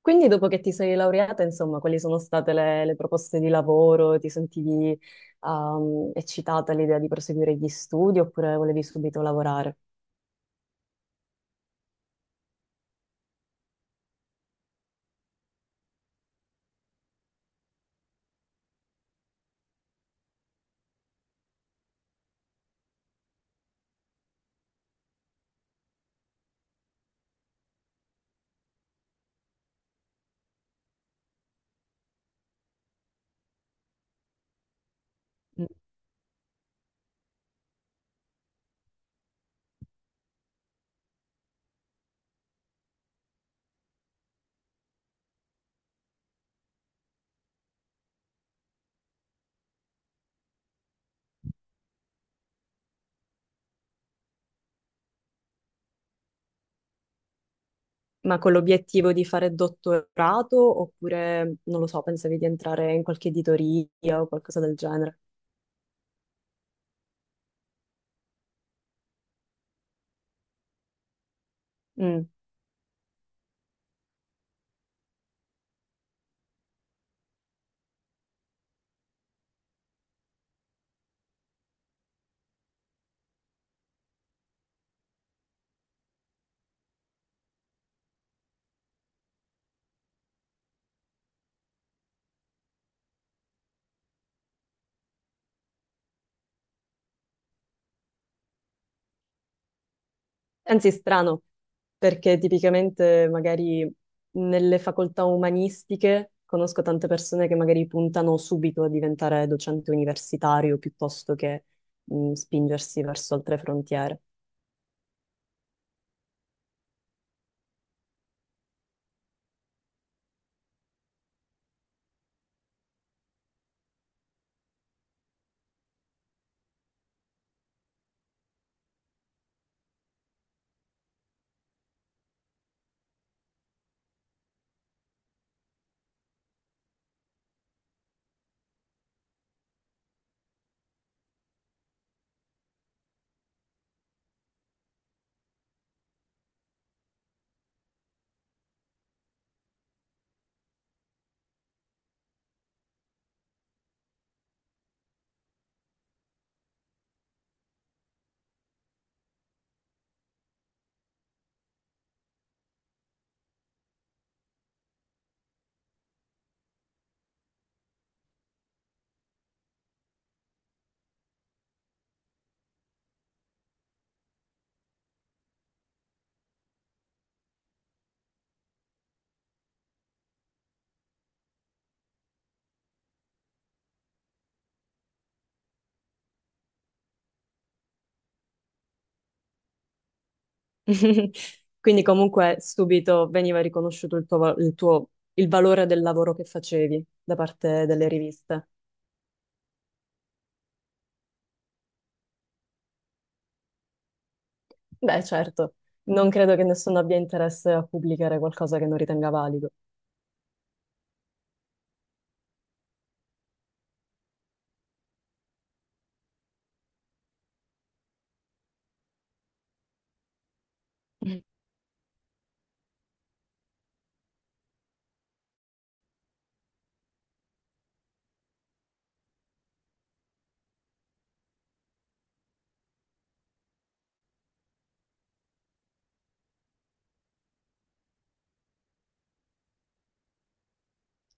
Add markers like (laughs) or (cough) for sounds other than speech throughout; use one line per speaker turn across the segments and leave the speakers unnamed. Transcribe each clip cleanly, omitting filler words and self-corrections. Quindi dopo che ti sei laureata, insomma, quali sono state le proposte di lavoro? Ti sentivi, eccitata all'idea di proseguire gli studi oppure volevi subito lavorare? Ma con l'obiettivo di fare dottorato oppure, non lo so, pensavi di entrare in qualche editoria o qualcosa del genere? Mm. Anzi, strano, perché tipicamente magari nelle facoltà umanistiche conosco tante persone che magari puntano subito a diventare docente universitario piuttosto che spingersi verso altre frontiere. (laughs) Quindi comunque subito veniva riconosciuto il tuo, va- il tuo- il valore del lavoro che facevi da parte delle riviste. Beh, certo, non credo che nessuno abbia interesse a pubblicare qualcosa che non ritenga valido. (laughs)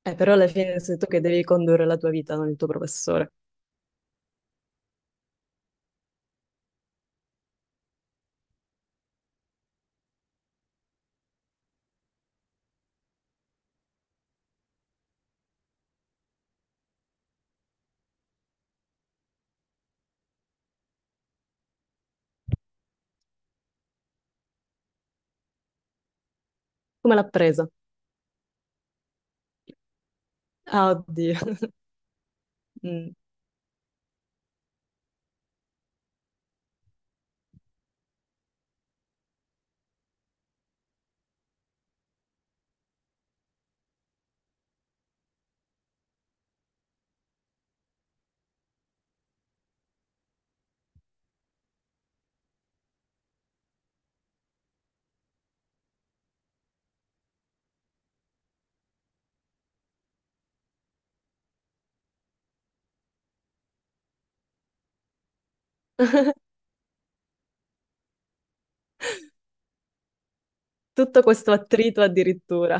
Però alla fine sei tu che devi condurre la tua vita, non il tuo professore. Come l'ha presa? Ah, oddio. (laughs) Mm. Tutto questo attrito addirittura.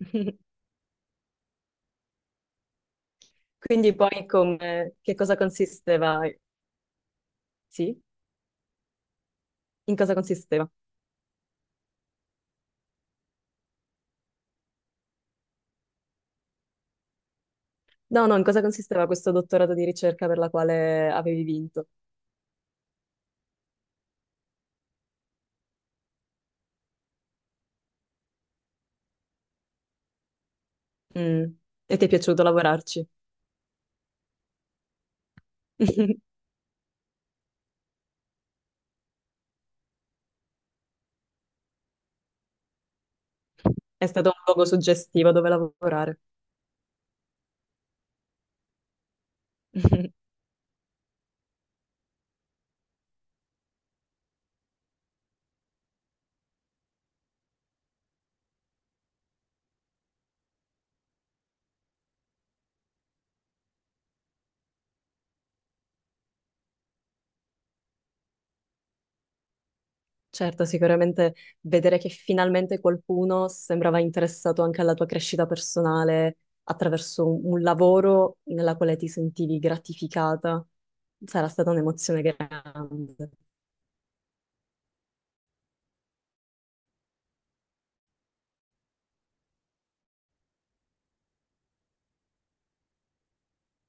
(laughs) Quindi poi come, che cosa consisteva? Sì? In cosa consisteva? No, no, in cosa consisteva questo dottorato di ricerca per la quale avevi vinto? Mm. E ti è piaciuto lavorarci? (laughs) È stato un luogo suggestivo dove lavorare. (laughs) Certo, sicuramente vedere che finalmente qualcuno sembrava interessato anche alla tua crescita personale attraverso un lavoro nella quale ti sentivi gratificata, sarà stata un'emozione grande.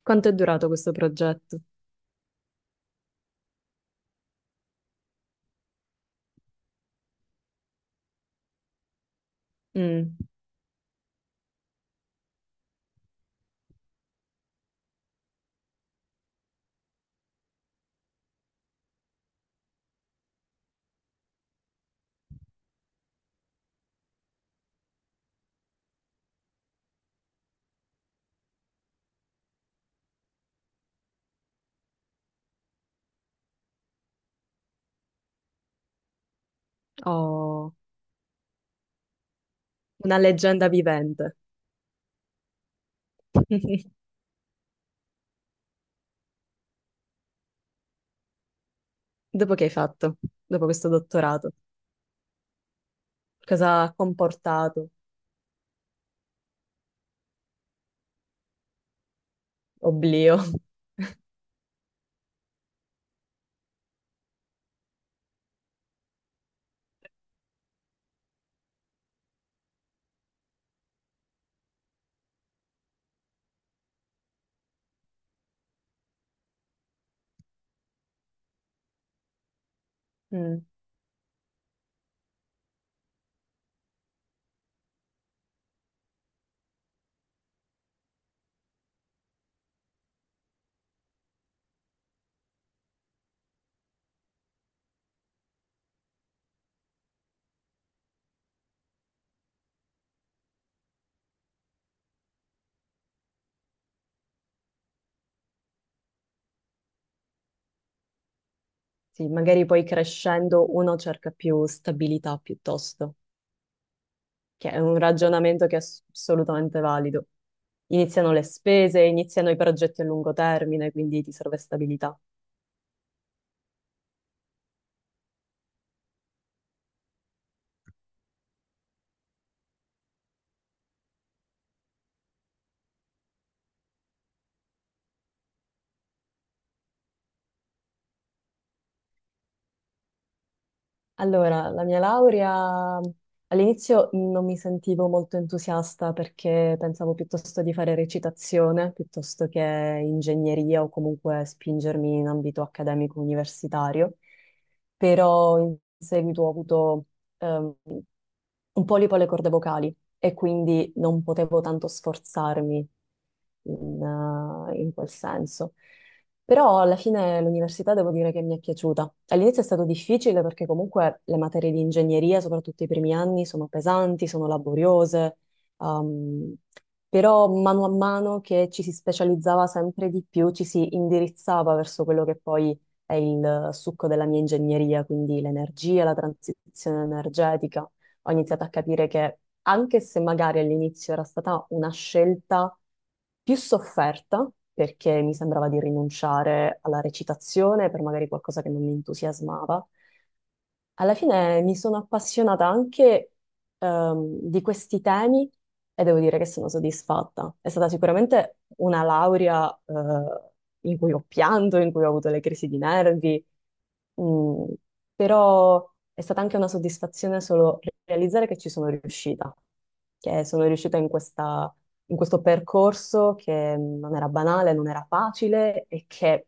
Quanto è durato questo progetto? Mm. Oh, una leggenda vivente. (laughs) Dopo che hai fatto, Dopo questo dottorato, cosa ha comportato? Oblio. Mm, sì, magari poi crescendo uno cerca più stabilità piuttosto, che è un ragionamento che è assolutamente valido. Iniziano le spese, iniziano i progetti a lungo termine, quindi ti serve stabilità. Allora, la mia laurea all'inizio non mi sentivo molto entusiasta perché pensavo piuttosto di fare recitazione piuttosto che ingegneria o comunque spingermi in ambito accademico universitario, però in seguito ho avuto ehm, un polipo alle corde vocali e quindi non potevo tanto sforzarmi in, in quel senso. Però alla fine l'università devo dire che mi è piaciuta. All'inizio è stato difficile perché comunque le materie di ingegneria, soprattutto i primi anni, sono pesanti, sono laboriose, ehm, però mano a mano che ci si specializzava sempre di più, ci si indirizzava verso quello che poi è il succo della mia ingegneria, quindi l'energia, la transizione energetica. Ho iniziato a capire che anche se magari all'inizio era stata una scelta più sofferta, perché mi sembrava di rinunciare alla recitazione per magari qualcosa che non mi entusiasmava, alla fine mi sono appassionata anche di questi temi e devo dire che sono soddisfatta. È stata sicuramente una laurea in cui ho pianto, in cui ho avuto le crisi di nervi, mm, però è stata anche una soddisfazione solo realizzare che ci sono riuscita, che sono riuscita in questo percorso che non era banale, non era facile e che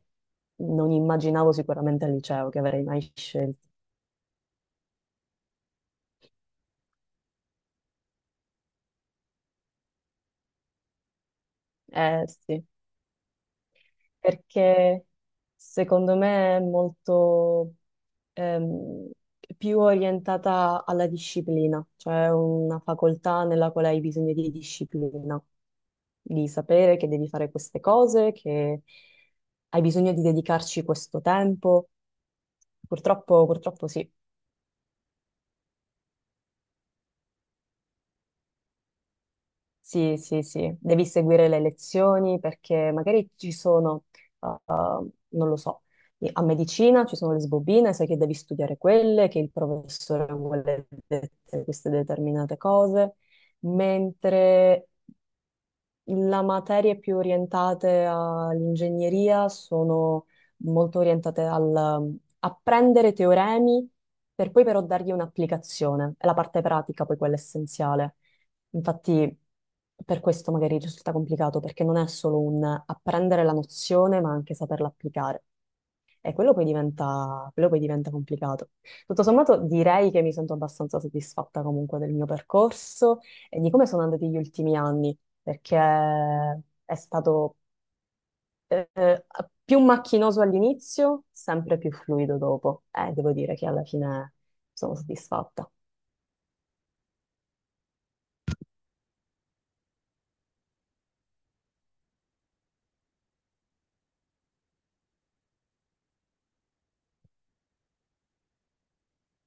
non immaginavo sicuramente al liceo che avrei mai scelto. Eh sì, perché secondo me è molto ehm, più orientata alla disciplina, cioè è una facoltà nella quale hai bisogno di disciplina, di sapere che devi fare queste cose, che hai bisogno di dedicarci questo tempo. Purtroppo, purtroppo sì. Sì, sì, sì, devi seguire le lezioni perché magari ci sono, uh, non lo so, a medicina ci sono le sbobine, sai che devi studiare quelle, che il professore vuole queste determinate cose, mentre la materie più orientate all'ingegneria sono molto orientate al mm, apprendere teoremi per poi però dargli un'applicazione. È la parte pratica poi quella essenziale. Infatti per questo magari risulta complicato perché non è solo un apprendere la nozione ma anche saperla applicare. E quello poi diventa complicato. Tutto sommato direi che mi sento abbastanza soddisfatta comunque del mio percorso e di come sono andati gli ultimi anni, perché è stato eh, più macchinoso all'inizio, sempre più fluido dopo. E devo dire che alla fine sono soddisfatta.